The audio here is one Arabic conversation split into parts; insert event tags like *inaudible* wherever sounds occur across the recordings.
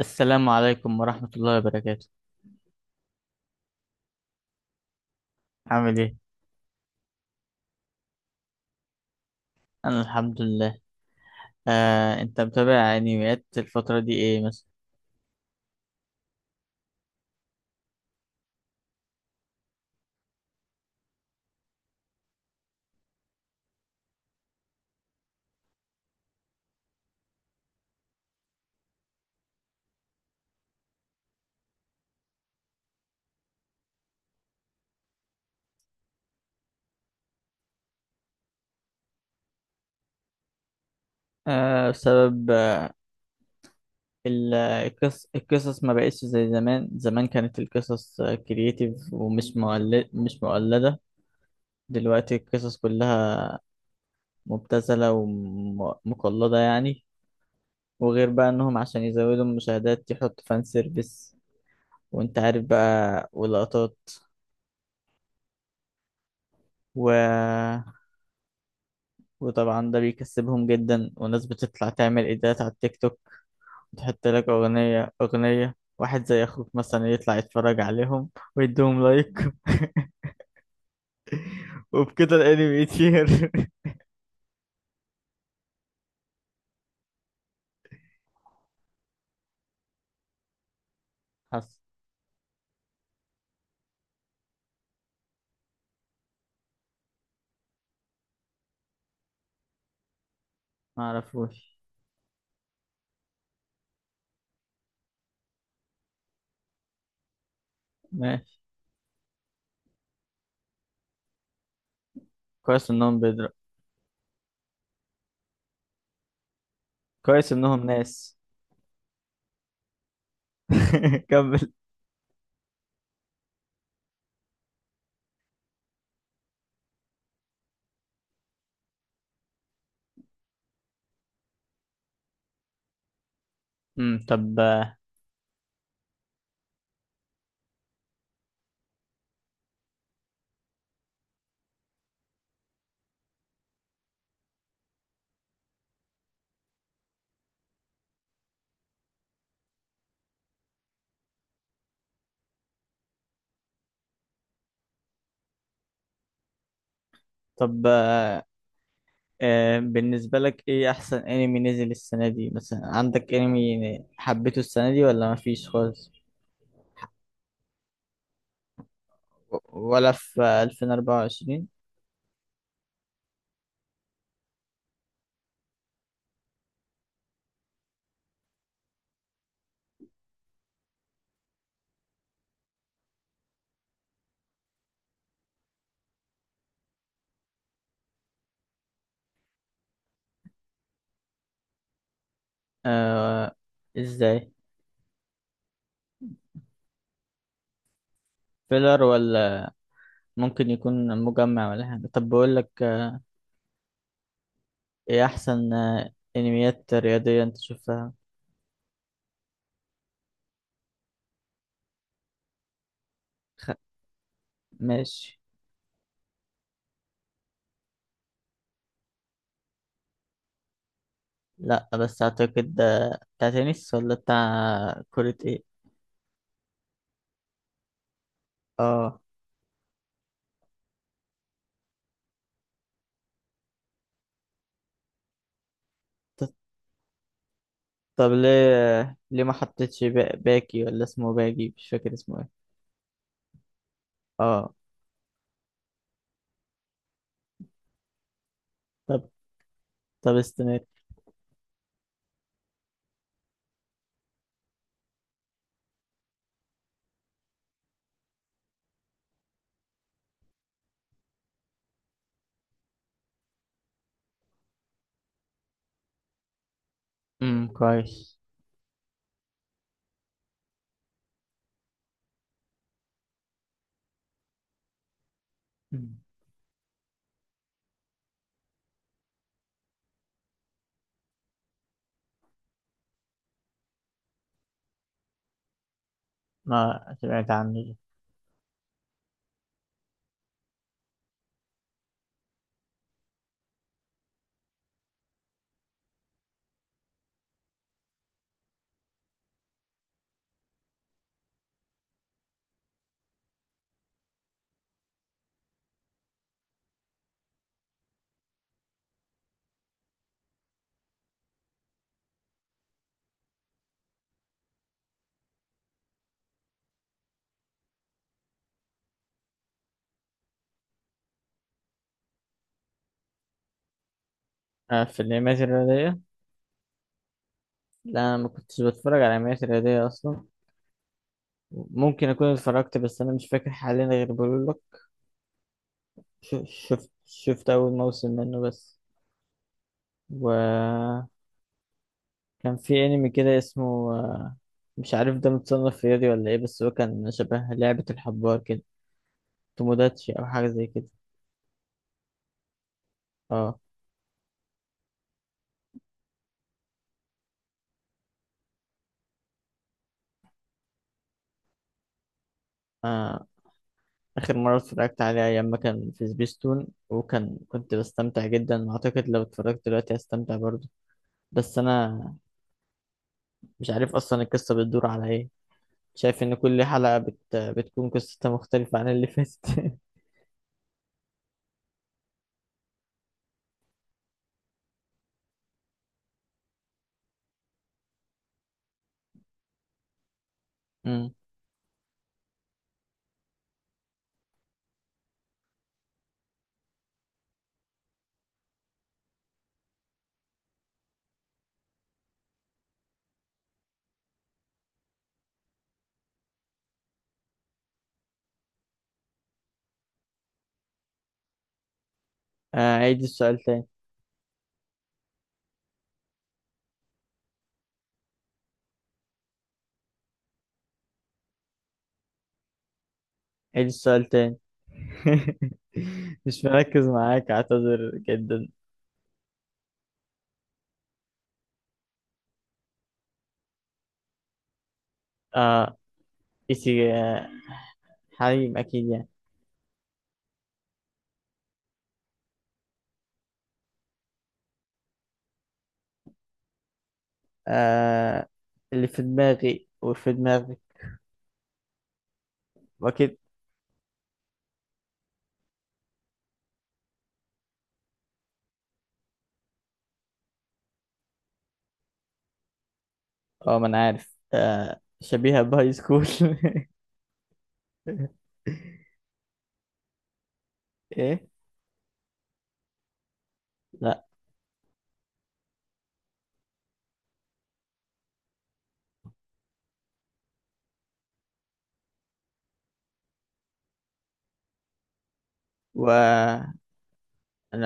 السلام عليكم ورحمة الله وبركاته. عامل ايه؟ أنا الحمد لله. أنت متابع أنميات الفترة دي ايه مثلا؟ آه، بسبب آه، القصص ما بقتش زي زمان. زمان كانت القصص كرييتيف ومش مؤلد مش مؤلدة. دلوقتي القصص كلها مبتذلة ومقلدة يعني. وغير بقى إنهم عشان يزودوا المشاهدات يحطوا فان سيرفيس، وأنت عارف بقى، ولقطات. و وطبعا ده بيكسبهم جدا، وناس بتطلع تعمل ايدات على التيك توك وتحط لك اغنية. واحد زي اخوك مثلا يطلع يتفرج عليهم ويديهم لايك *laughs* وبكده الانمي يطير. *laughs* حصل. ما اعرفوش. ماشي. كويس انهم بيضرب. كويس انهم ناس. *laughs* كمل. طب. طب بالنسبة لك ايه احسن انمي نزل السنة دي؟ مثلا عندك انمي حبيته السنة دي ولا مفيش خالص و- ولا في 2024؟ آه. ازاي؟ فيلر ولا ممكن يكون مجمع ولا حاجة؟ طب بقول لك، ايه احسن انميات رياضية انت شفتها؟ خ... ماشي. لا، بس اعتقد ده بتاع تنس ولا بتاع كرة ايه؟ اه. ط- طب ليه ليه ما حطيتش باكي ولا اسمه باجي، مش فاكر اسمه ايه. اه. طب. طب استمر. كويس. مم. ما سمعت عنه ده. آه، في الانميات الرياضية، لا انا ما كنتش بتفرج على انميات رياضية اصلا. ممكن اكون اتفرجت، بس انا مش فاكر حاليا. غير بقول لك، ش- شفت اول موسم منه بس، وكان في انمي كده اسمه، آه، مش عارف ده متصنف رياضي ولا ايه، بس هو كان شبه لعبة الحبار كده. توموداتشي او حاجة زي كده. اه. آه، اخر مرة اتفرجت عليه ايام ما كان في سبيستون، كنت بستمتع جدا. اعتقد لو اتفرجت دلوقتي هستمتع برضه، بس انا مش عارف اصلا القصة بتدور على ايه. شايف ان كل حلقة بتكون قصتها مختلفة عن اللي فاتت. *laughs* امم. آه، عيد السؤال تاني. عيد السؤال تاني. *laughs* مش مركز معاك، اعتذر جدا. آه، إيسي، حريم اكيد يعني. آه، اللي في دماغي وفي دماغك. واكيد. اه، ما انا عارف، آه، شبيهة بهاي سكول. *laughs* ايه. لا. وانا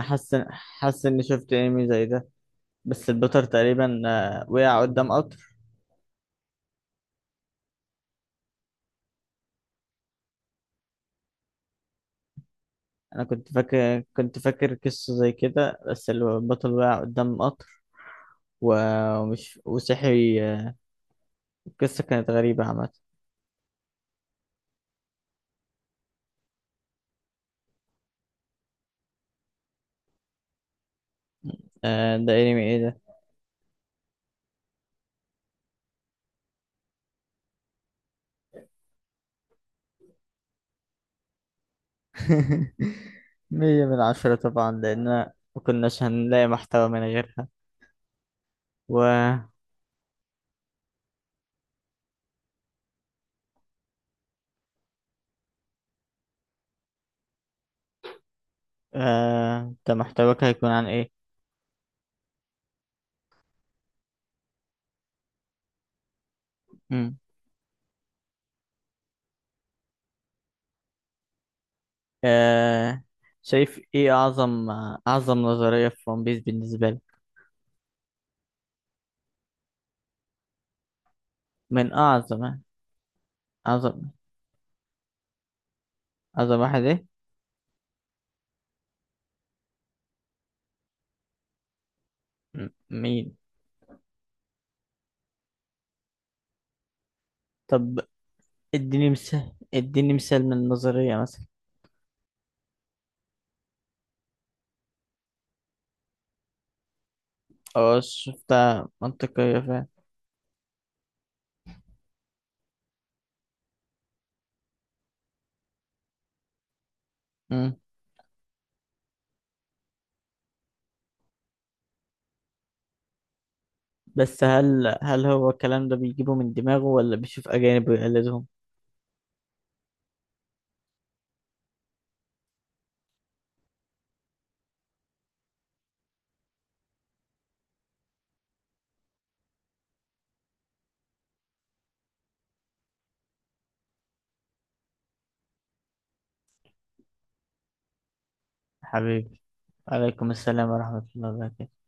حاسس اني شفت انمي زي ده، بس البطل تقريبا، آه، وقع قدام قطر. انا كنت فاكر قصه زي كده، بس البطل وقع قدام قطر ومش وصحي. القصه كانت غريبه عامه. آه، ده انمي ايه ده؟ *laughs* مية من عشرة طبعا، لان ما كناش هنلاقي محتوى من غيرها. و آه، ده محتواك هيكون عن ايه؟ مم. آه، شايف ايه اعظم نظريه في ون بيس بالنسبه لي؟ من اعظم. اعظم اعظم واحد ايه؟ مم. مين؟ طب، اديني مثال من النظرية مثلا. اه، شفتها منطقية فعلا. مم. بس هل هو الكلام ده بيجيبه من دماغه ولا بيشوف أجانب ويقلدهم؟ حبيبي، عليكم السلام ورحمة الله وبركاته.